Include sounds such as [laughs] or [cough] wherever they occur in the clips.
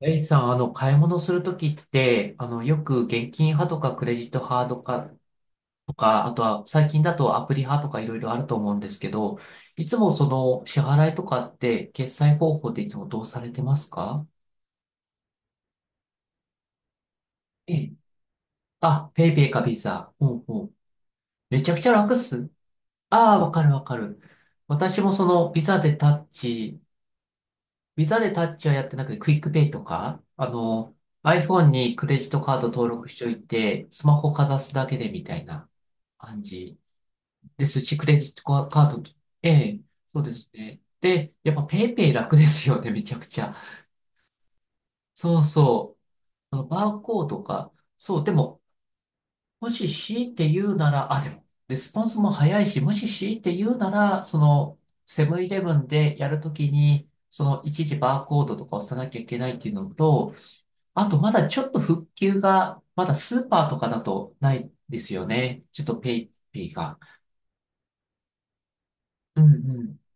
エイさん、買い物するときって、よく現金派とかクレジット派とか、あとは最近だとアプリ派とかいろいろあると思うんですけど、いつもその支払いとかって決済方法っていつもどうされてますか？ええ。あ、ペイペイかビザ。ほうほう。めちゃくちゃ楽っす。ああ、わかるわかる。私もそのビザでタッチ、ビザでタッチはやってなくて、クイックペイとか、iPhone にクレジットカード登録しておいて、スマホかざすだけでみたいな。感じですし、クレジットカードと、ええ、そうですね。で、やっぱペイペイ楽ですよね、[laughs] めちゃくちゃ。そうそう。あのバーコードか、そう、でも、もし強いて言うなら、あ、でも、レスポンスも早いし、もし強いて言うなら、セブンイレブンでやるときに、いちいちバーコードとか押さなきゃいけないっていうのと、あと、まだちょっと復旧が、まだスーパーとかだとないですよね。ちょっとペイペイが。うんうん。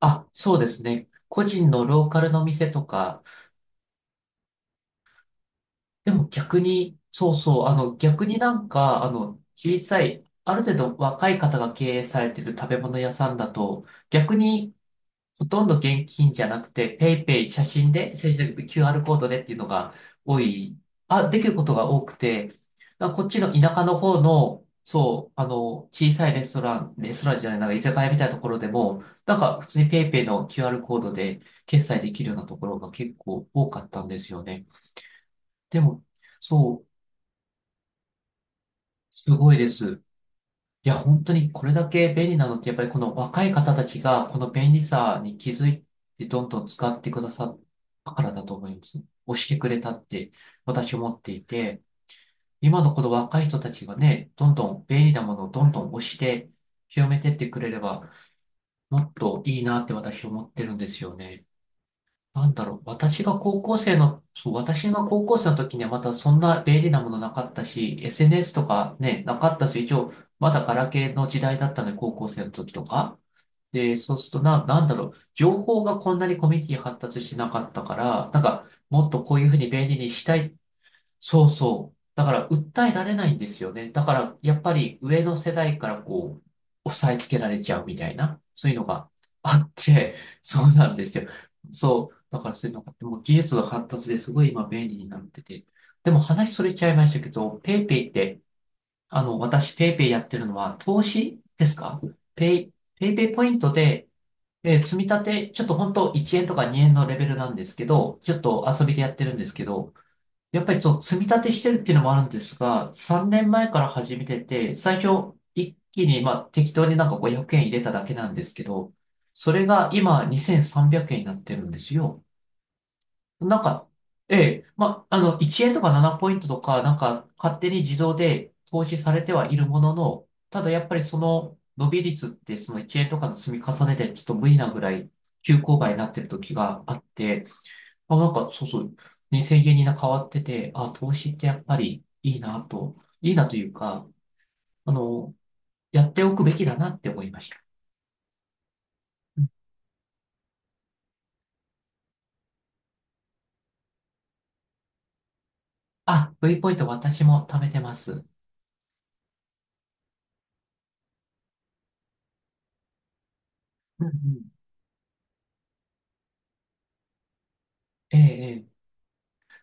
あ、そうですね。個人のローカルの店とか、でも逆に、そうそう、逆になんか、小さい、ある程度若い方が経営されてる食べ物屋さんだと、逆にほとんど現金じゃなくて、ペイペイ、写真で QR コードでっていうのが多い、あ、できることが多くて、あこっちの田舎の方の、そう、小さいレストラン、レストランじゃない、なんか居酒屋みたいなところでも、なんか普通にペイペイの QR コードで決済できるようなところが結構多かったんですよね。でも、そう、すごいです。いや、本当にこれだけ便利なのって、やっぱりこの若い方たちが、この便利さに気づいて、どんどん使ってくださったからだと思います。押してくれたって、私思っていて、今のこの若い人たちがね、どんどん便利なものをどんどん押して、広めてってくれれば、もっといいなって私思ってるんですよね。なんだろう、私が高校生の、そう、私が高校生の時にはまたそんな便利なものなかったし、SNS とかね、なかったし、一応、まだガラケーの時代だったので、高校生の時とか。で、そうするとな、なんだろう、情報がこんなにコミュニティ発達してなかったから、なんか、もっとこういうふうに便利にしたい。そうそう。だから訴えられないんですよね。だからやっぱり上の世代からこう、押さえつけられちゃうみたいな、そういうのがあって、そうなんですよ。そう。だからそういうのがあって、もう技術が発達ですごい今便利になってて。でも話それちゃいましたけど、ペイペイって、私ペイペイやってるのは投資ですか？ペイ、ペイペイポイントで、積み立て、ちょっと本当1円とか2円のレベルなんですけど、ちょっと遊びでやってるんですけど、やっぱりその積み立てしてるっていうのもあるんですが、3年前から始めてて、最初一気にまあ適当になんか500円入れただけなんですけど、それが今2300円になってるんですよ。なんか、ええ、まあ、1円とか7ポイントとか、なんか勝手に自動で投資されてはいるものの、ただやっぱりその伸び率ってその1円とかの積み重ねでちょっと無理なぐらい急勾配になってる時があって、あ、なんか、そうそう、2 0円にな変わってて、あ、投資ってやっぱりいいなと、いいなというか、あの、やっておくべきだなって思いました。うん。あ、V ポイント私も貯めてます。うんうん。ええ、ええ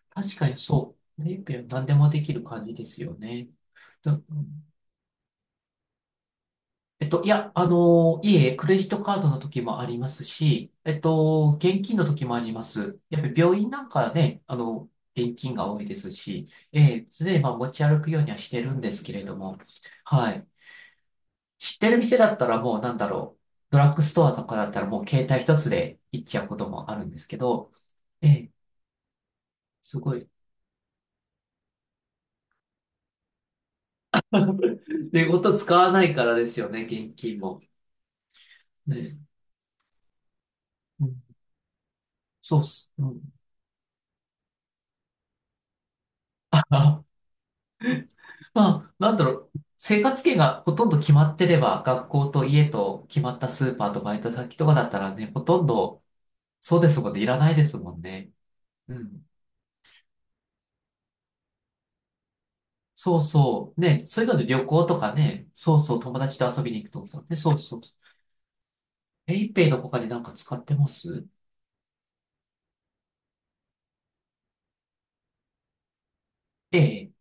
確かにそう。ペイペイは何でもできる感じですよね。だえっと、いや、いえ、クレジットカードの時もありますし、現金の時もあります。やっぱり病院なんかね、現金が多いですし、ええ、常にまあ持ち歩くようにはしてるんですけれども、はい。知ってる店だったらもうなんだろう、ドラッグストアとかだったらもう携帯一つで行っちゃうこともあるんですけど、ええ、すごい。[laughs] 寝言使わないからですよね、現金も。ね、うん、そうっす。うん [laughs] まあ、なんだろう、生活圏がほとんど決まってれば、学校と家と決まったスーパーとバイト先とかだったらね、ほとんど、そうですもんね、いらないですもんね。うん。そうそう。ね、そういうので旅行とかね、そうそう、友達と遊びに行くとかね、そうそう。ペイペイの他になんか使ってます？ええ。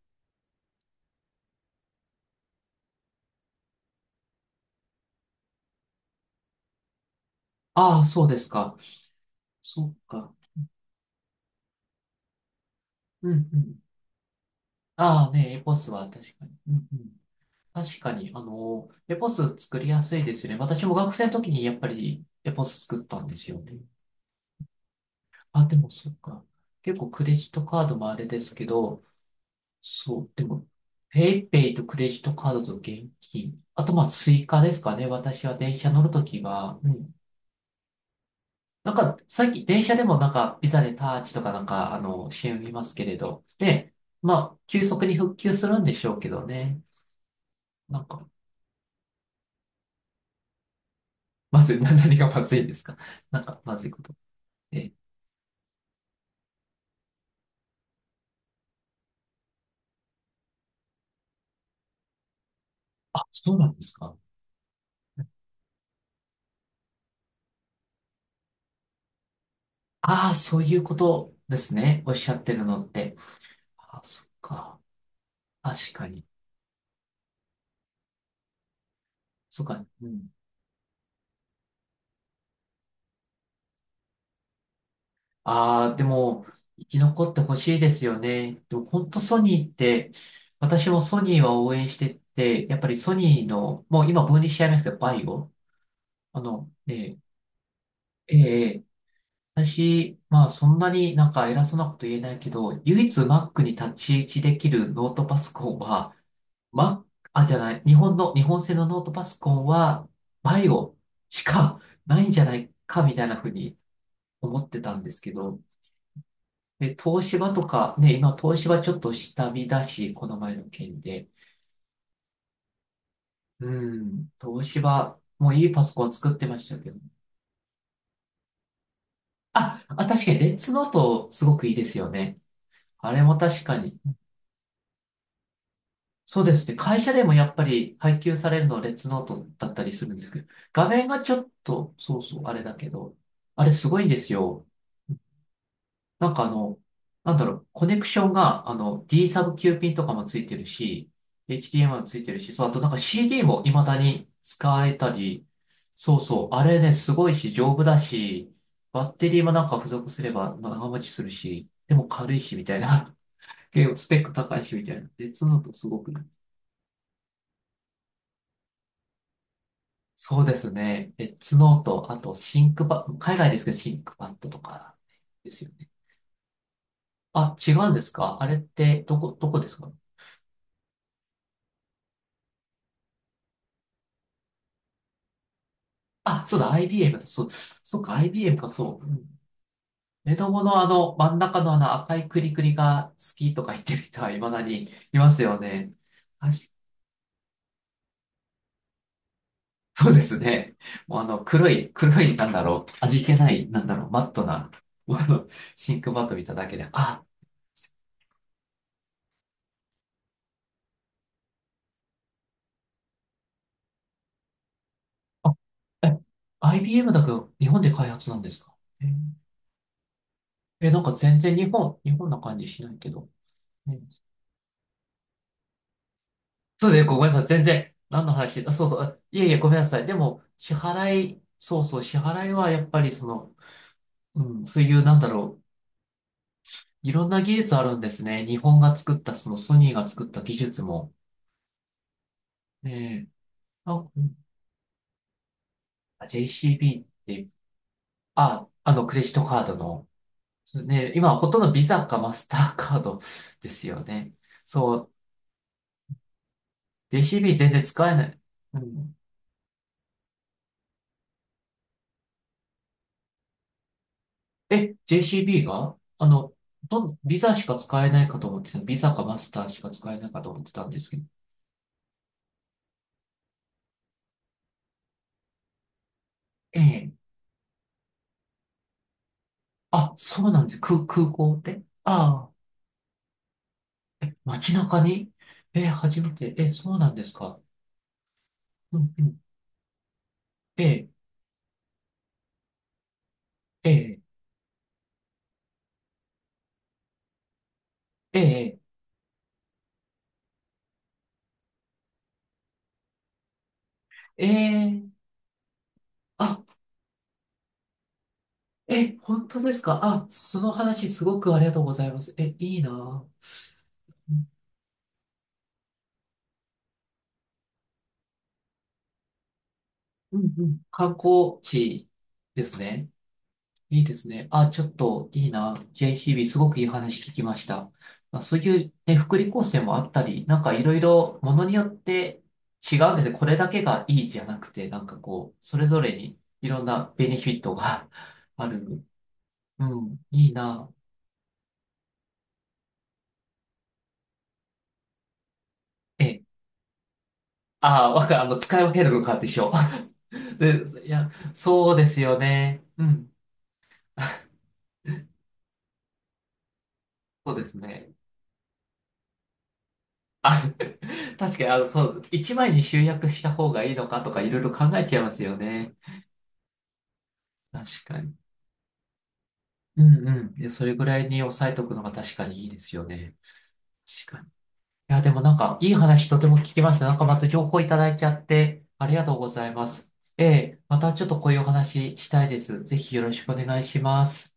ああ、そうですか。そうか。うんうん。ああね、エポスは確かに。うんうん。確かに、エポス作りやすいですよね。私も学生の時にやっぱりエポス作ったんですよね。あ、でもそっか。結構クレジットカードもあれですけど、そう、でも、ペイペイとクレジットカードと現金。あと、まあ、スイカですかね。私は電車乗るときは、うん。なんか、最近電車でもなんか、ビザでタッチとかなんか、CM 見ますけれど。で、まあ、急速に復旧するんでしょうけどね。なんか、まずい、[laughs] 何がまずいんですか？なんか、まずいこと。えあ、そうなんですか。ああ、そういうことですね。おっしゃってるのって。ああ、そっか。確かに。そっか。うん。ああ、でも、生き残ってほしいですよね。でも、本当ソニーって、私もソニーは応援してて、やっぱりソニーの、もう今分離しちゃいますけど、バイオ。ね、ええ、私、まあ、そんなになんか偉そうなこと言えないけど、唯一 Mac に立ち位置できるノートパソコンは、ま、あ、じゃない、日本の、日本製のノートパソコンは、バイオしかないんじゃないか、みたいなふうに思ってたんですけど、え、東芝とか、ね、今、東芝ちょっと下見だし、この前の件で。うん、東芝、もういいパソコン作ってましたけど。あ、あ、確かに、レッツノート、すごくいいですよね。あれも確かに。そうですね。会社でもやっぱり配給されるのはレッツノートだったりするんですけど、画面がちょっと、そうそう、あれだけど、あれすごいんですよ。なんかあの、なんだろう、コネクションが、あの、D サブ Q ピンとかもついてるし、HDMI もついてるし、そう、あとなんか CD も未だに使えたり、そうそう、あれね、すごいし、丈夫だし、バッテリーもなんか付属すれば長持ちするし、でも軽いし、みたいな。[laughs] 結構スペック高いし、みたいな。でツノートすごくいい。そうですね。えツノート、あとシンクパッ、海外ですけどシンクパッドとかですよね。あ、違うんですか？あれってどこですか？あ、そうだ、IBM だ、そう、そっか、IBM か、そう。うん。目のあの、真ん中のあの赤いクリクリが好きとか言ってる人は未だにいますよね。あし、そうですね。もうあの、黒い、黒い、なんだろう、味気ない、なんだろう、マットな、もうあの、シンクマット見ただけで、あ、あ、え、IBM だけど、日本で開発なんですか？えーえ、なんか全然日本な感じしないけど。ね、そうですね、ごめんなさい。全然、何の話？あ、そうそう。あ、いえいえ、ごめんなさい。でも、支払い、そうそう、支払いはやっぱりその、うん、そういう、なんだろう、いろんな技術あるんですね。日本が作った、そのソニーが作った技術も。ねえ、あ、うん、あ JCB って、あ、あの、クレジットカードの、そうね、今、ほとんどビザかマスターカードですよね。そう、JCB 全然使えない。うん。え、JCB があの、ビザしか使えないかと思ってた。ビザかマスターしか使えないかと思ってたんですけど。ええ。あ、そうなんです。空港って？ああ。え、街中に？え、初めて。え、そうなんですか？うんうん。ええ、ええ、ええ、ええ。あ、え、本当ですか？あ、その話すごくありがとうございます。え、いいなぁ。うんうんうん。観光地ですね。いいですね。あ、ちょっといいな。JCB すごくいい話聞きました。まあ、そういう、ね、福利厚生もあったり、なんかいろいろものによって違うんですね。これだけがいいじゃなくて、なんかこう、それぞれにいろんなベネフィットが [laughs] ある。うん、いいな。ええ、ああ、あの、使い分けるのかでしょ。[laughs] で、いや、そうですよね。うん。[laughs] そうですね。あ、[laughs] 確かに、あの、そう、一枚に集約した方がいいのかとかいろいろ考えちゃいますよね。確かに。うんうん。で、それぐらいに抑えとくのが確かにいいですよね。確かに。いや、でもなんか、いい話とても聞きました。なんかまた情報いただいちゃって、ありがとうございます。ええ、またちょっとこういうお話したいです。ぜひよろしくお願いします。